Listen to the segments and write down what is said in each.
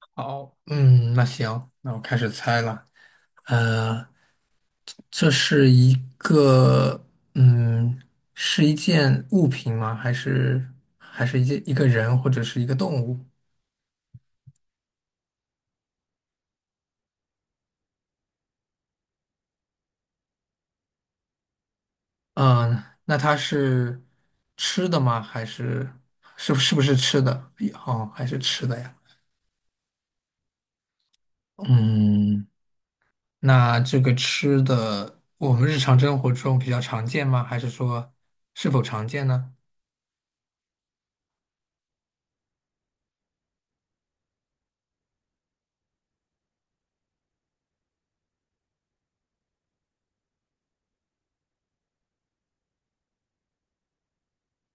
好，嗯，那行，那我开始猜了。呃，这是一个，嗯，是一件物品吗？还是一个人或者是一个动物？嗯，那它是吃的吗？还是是不是不是吃的？哎哦，还是吃的呀。嗯，那这个吃的，我们日常生活中比较常见吗？还是说是否常见呢？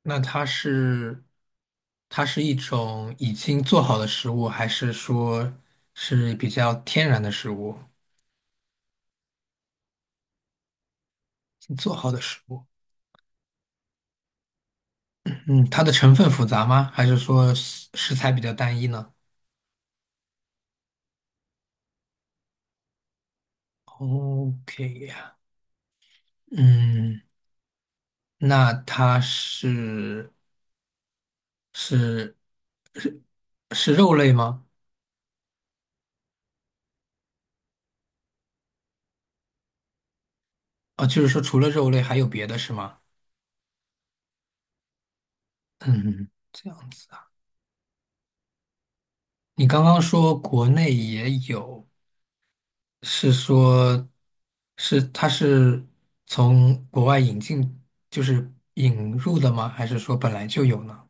那它是一种已经做好的食物，还是说是比较天然的食物？已经做好的食物，嗯，它的成分复杂吗？还是说食材比较单一呢？OK 呀，嗯，那它是是是是肉类吗？啊，就是说除了肉类还有别的是吗？嗯，这样子啊。你刚刚说国内也有。是说，是它是从国外引进，就是引入的吗？还是说本来就有呢？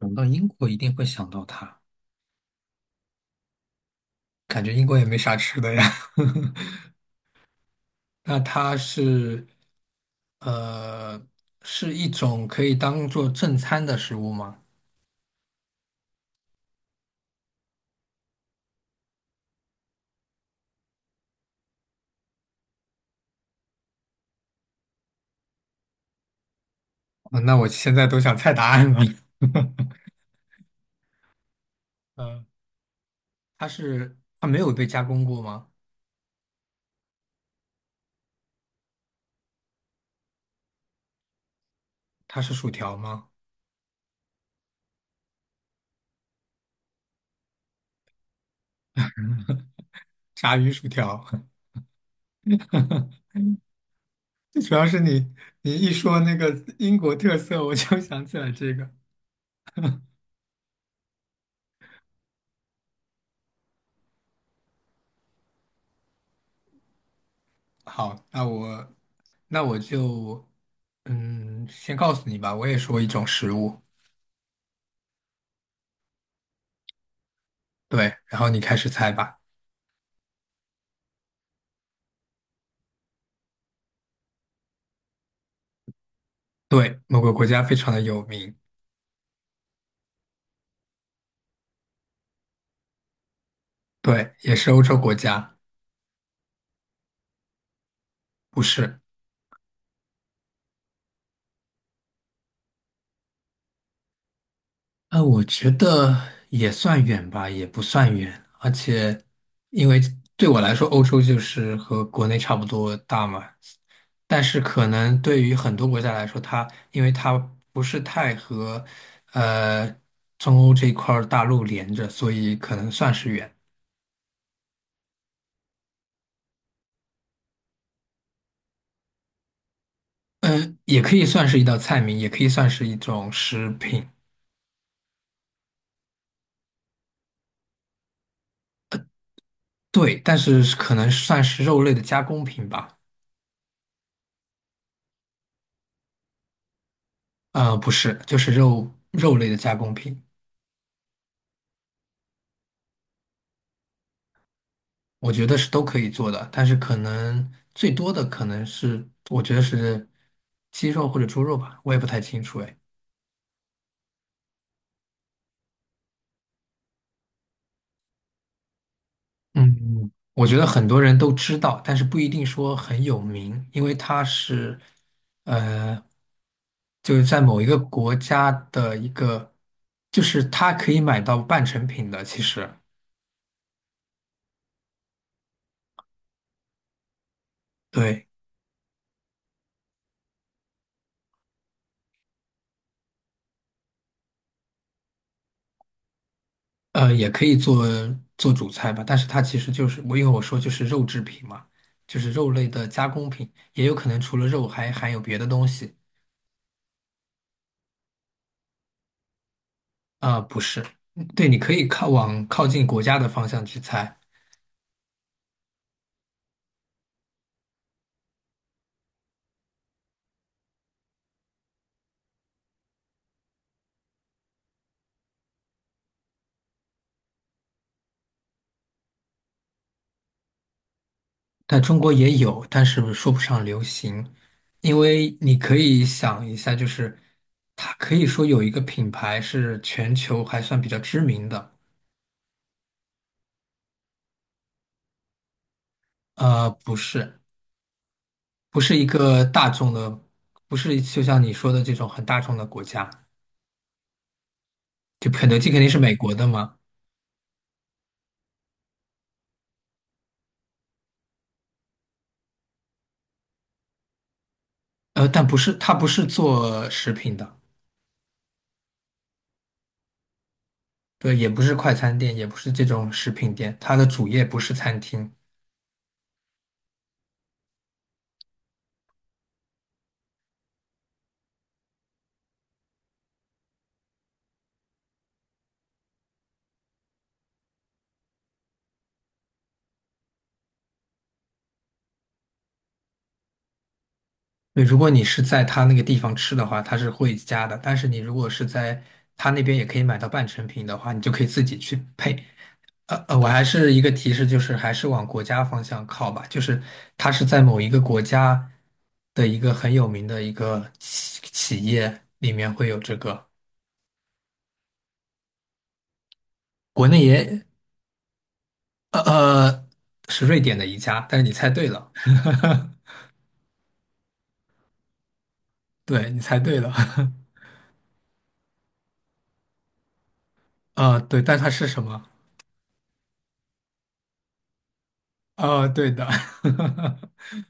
嗯，到英国一定会想到它，感觉英国也没啥吃的呀。那它是，呃，是一种可以当做正餐的食物吗？啊，那我现在都想猜答案了。嗯，它是，它没有被加工过吗？它是薯条吗？炸鱼薯条。最主要是你你一说那个英国特色，我就想起来这个。好，那我那我就嗯，先告诉你吧，我也说一种食物，对，然后你开始猜吧。对，某个国家非常的有名，对，也是欧洲国家，不是。我觉得也算远吧，也不算远，而且因为对我来说，欧洲就是和国内差不多大嘛，但是可能对于很多国家来说，它因为它不是太呃中欧这块儿大陆连着，所以可能算是远。嗯，也可以算是一道菜名，也可以算是一种食品，对，但是可能算是肉类的加工品吧。呃，不是，就是肉类的加工品。我觉得是都可以做的，但是可能最多的可能是，我觉得是鸡肉或者猪肉吧，我也不太清楚哎。嗯，我觉得很多人都知道，但是不一定说很有名，因为它是，呃，就是在某一个国家的一个，就是它可以买到半成品的，其实。对。呃，也可以做主菜吧，但是它其实就是我因为我说就是肉制品嘛，就是肉类的加工品，也有可能除了肉还含有别的东西。啊，不是，嗯，对，你可以往靠近国家的方向去猜，但中国也有，但是说不上流行，因为你可以想一下，就是它可以说有一个品牌是全球还算比较知名的，呃，不是，不是一个大众的，不是就像你说的这种很大众的国家。就肯德基肯定是美国的嘛，呃，但不是，它不是做食品的，对，也不是快餐店，也不是这种食品店，它的主业不是餐厅。对，如果你是在它那个地方吃的话，它是会加的，但是你如果是在它那边也可以买到半成品的话，你就可以自己去配。我还是一个提示，就是还是往国家方向靠吧，就是它是在某一个国家的一个很有名的一个企业里面会有这个，国内也呃，呃是瑞典的一家，但是你猜对了，对，你猜对了，呃，对，但它是什么？呃，对的，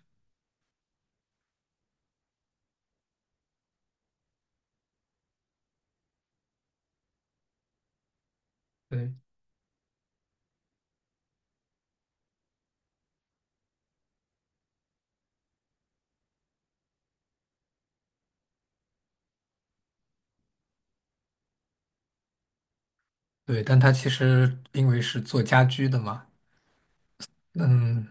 对对，但它其实因为是做家居的嘛，嗯，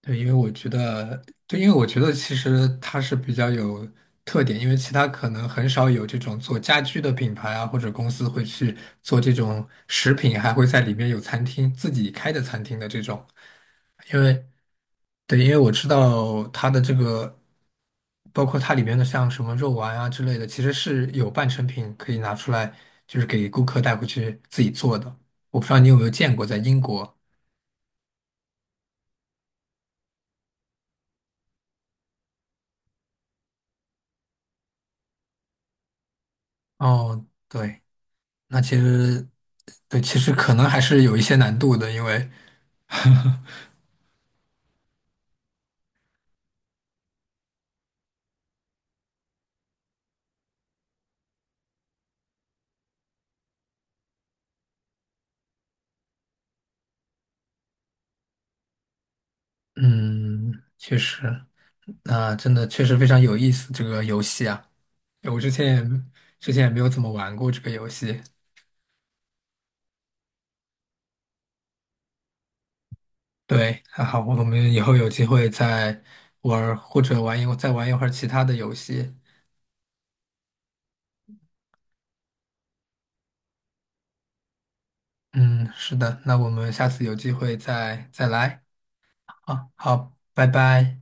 对，因为我觉得，对，因为我觉得其实它是比较有特点，因为其他可能很少有这种做家居的品牌啊，或者公司会去做这种食品，还会在里面有餐厅，自己开的餐厅的这种。因为，对，因为我知道它的这个，包括它里面的像什么肉丸啊之类的，其实是有半成品可以拿出来，就是给顾客带回去自己做的。我不知道你有没有见过在英国？哦，对。那其实，对，其实可能还是有一些难度的，因为，嗯，确实，那真的确实非常有意思这个游戏啊，我之前也没有怎么玩过这个游戏。对，还好，我们以后有机会再玩儿或者再玩一会儿其他的游戏。嗯，是的，那我们下次有机会再来。啊，好，拜拜。